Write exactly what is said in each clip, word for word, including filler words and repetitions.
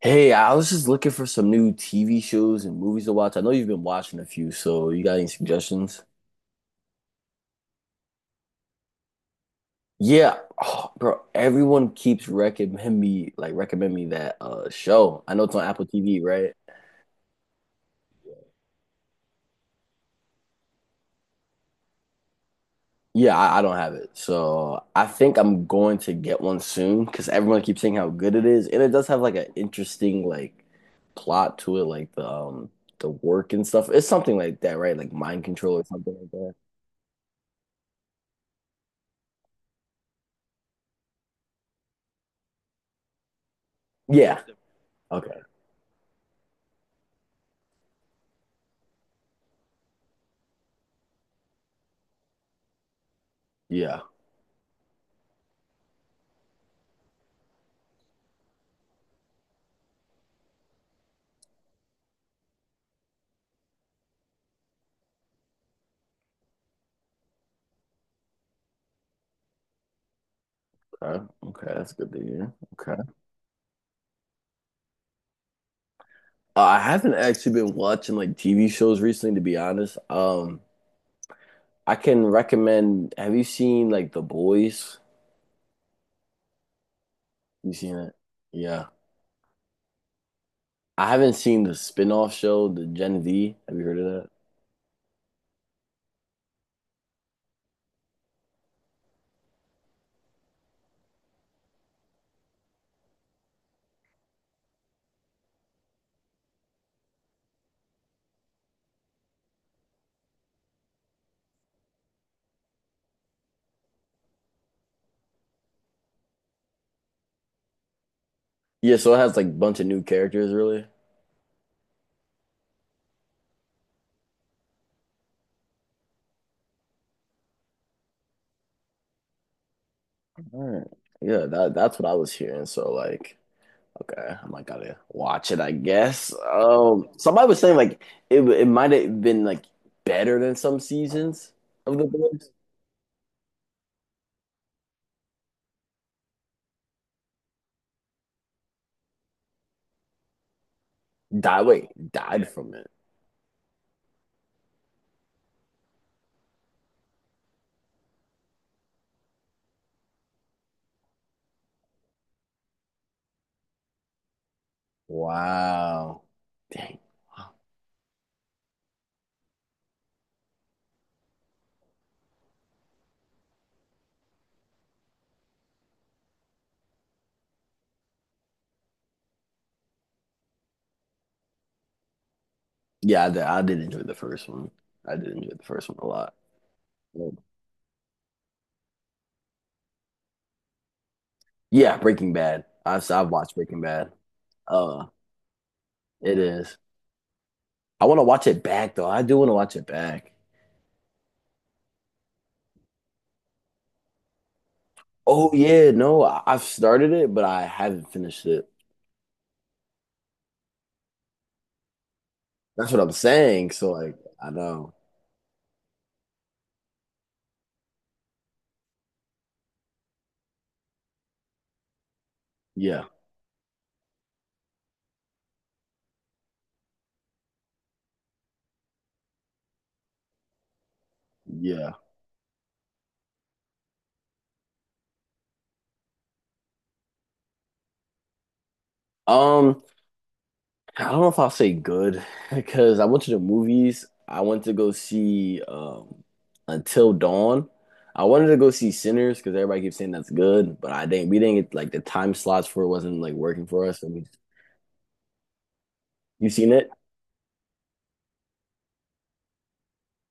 Hey, I was just looking for some new T V shows and movies to watch. I know you've been watching a few, so you got any suggestions? Yeah, oh, bro, everyone keeps recommend me like recommend me that uh show. I know it's on Apple T V, right? Yeah, I, I don't have it. So I think I'm going to get one soon because everyone keeps saying how good it is. And it does have like an interesting like plot to it, like the um the work and stuff. It's something like that, right? Like mind control or something like that. Yeah. Okay. Yeah. Okay, okay, that's good to hear. Okay. Uh, I haven't actually been watching like T V shows recently, to be honest. Um, I can recommend, have you seen like The Boys? You seen it? Yeah. I haven't seen the spin-off show, the Gen V. Have you heard of that? Yeah, so it has like a bunch of new characters really. All right. Yeah, that that's what I was hearing. So like, okay, I might gotta watch it, I guess. Um, somebody was saying like it it might have been like better than some seasons of The Boys. Die wait, yeah, died, yeah, from it. Wow. Dang. Wow. Yeah, I did, I did enjoy the first one. I did enjoy the first one a lot. Yeah, Breaking Bad. I've I've watched Breaking Bad. Uh, it is. I want to watch it back though. I do want to watch it back. Oh yeah, no, I, I've started it, but I haven't finished it. That's what I'm saying. So like, I know. Yeah, yeah. Um. I don't know if I'll say good because I went to the movies. I went to go see um, Until Dawn. I wanted to go see Sinners because everybody keeps saying that's good, but I didn't. We didn't get like the time slots for it wasn't like working for us. And we, you seen it?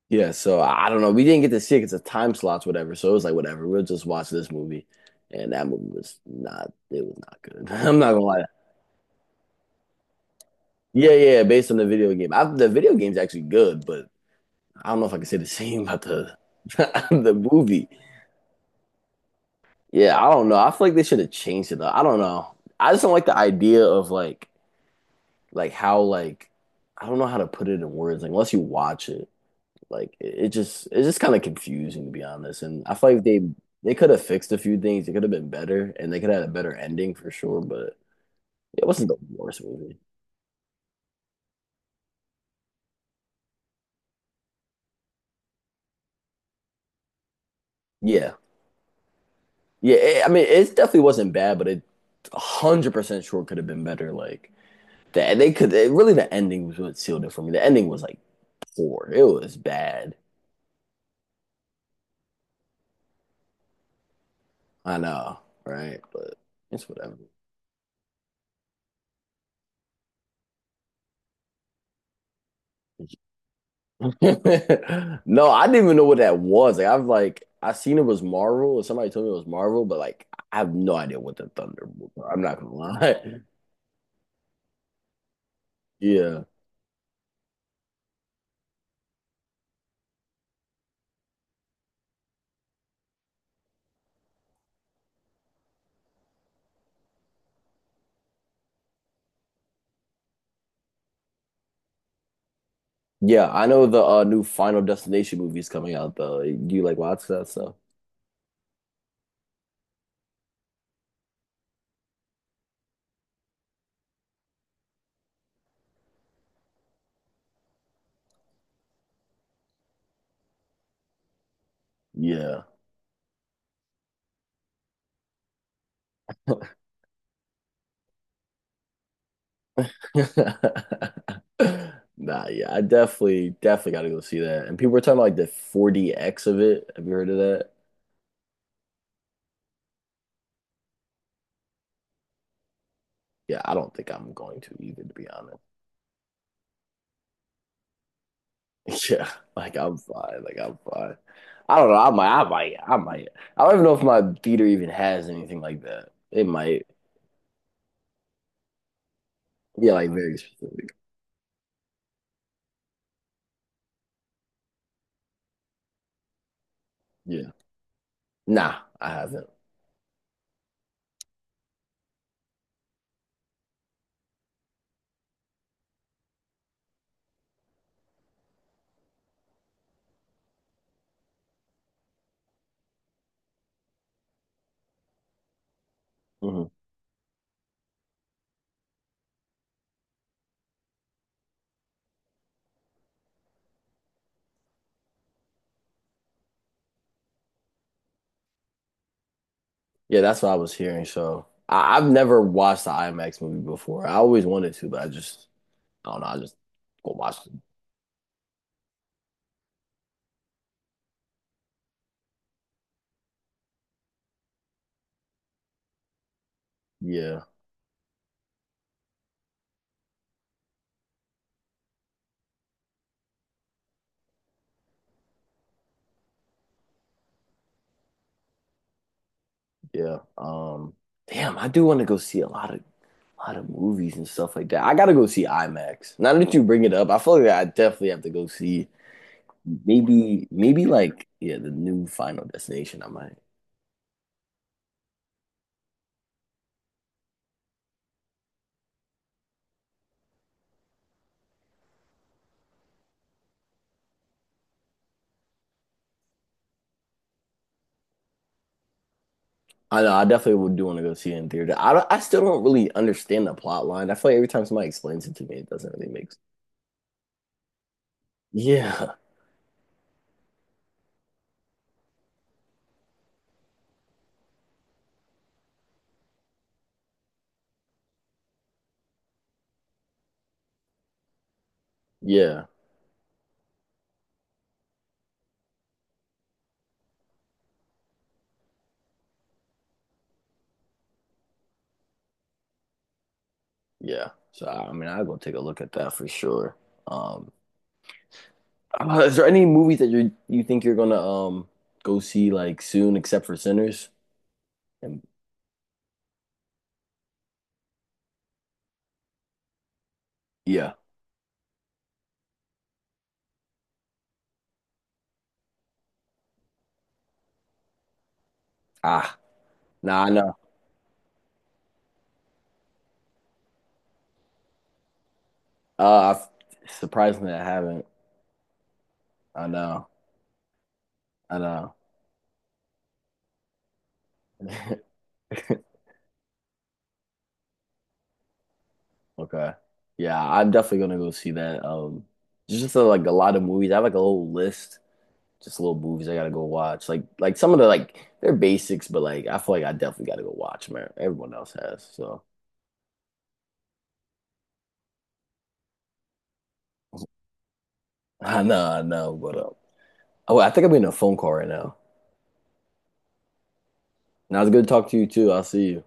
Yeah. So I I don't know. We didn't get to see it because the time slots, whatever. So it was like whatever. We'll just watch this movie, and that movie was not. It was not good. I'm not gonna lie. Yeah, yeah, yeah, based on the video game, I, the video game's actually good, but I don't know if I can say the same about the the movie. Yeah, I don't know. I feel like they should have changed it. Though. I don't know. I just don't like the idea of like like how like I don't know how to put it in words. Like unless you watch it, like it, it just it's just kind of confusing to be honest. And I feel like they they could have fixed a few things. It could have been better, and they could have had a better ending for sure. But it wasn't the worst movie. Yeah, yeah. It, I mean, it definitely wasn't bad, but it a hundred percent sure could have been better. Like that, they could. It, really, the ending was what sealed it for me. The ending was like poor. It was bad. I know, right? But it's whatever. No, I didn't even know what that was. Like I've like I seen it was Marvel, and somebody told me it was Marvel, but like I have no idea what the Thunderbolts are. I'm not gonna lie. Yeah. Yeah, I know the uh, new Final Destination movie's coming out though. Do you like watch that stuff? Yeah. Nah, yeah, I definitely definitely gotta go see that. And people were talking about like the four D X of it. Have you heard of that? Yeah, I don't think I'm going to either, to be honest. Yeah, like I'm fine. Like I'm fine. I don't know. I might. I might. I might. I don't even know if my theater even has anything like that. It might. Yeah, like very specific. Yeah. Nah, I haven't. Hmm. Yeah, that's what I was hearing. So I, I've never watched the IMAX movie before. I always wanted to, but I just I don't know. I just go watch it. Yeah, yeah. Um, damn, I do want to go see a lot of lot of movies and stuff like that. I gotta go see IMAX. Now that you bring it up, I feel like I definitely have to go see. Maybe, maybe like yeah, the new Final Destination. I might. I know. I definitely would do want to go see it in theater. I don't, I still don't really understand the plot line. I feel like every time somebody explains it to me, it doesn't really make. Yeah, yeah, yeah. So I mean, I'll go take a look at that for sure. Um, uh, is there any movies that you you think you're gonna um go see like soon, except for Sinners? And yeah, ah, nah, I know. Uh, I've, surprisingly, I haven't. I know, I know. Okay. Yeah, I'm definitely gonna go see that. Um, there's just uh, like a lot of movies. I have like a whole list, just little movies I gotta go watch. Like like some of the like they're basics, but like I feel like I definitely gotta go watch, man. Everyone else has, so I know, I know. But uh, oh, I think I'm getting a phone call right now. Now it's good to talk to you too. I'll see you.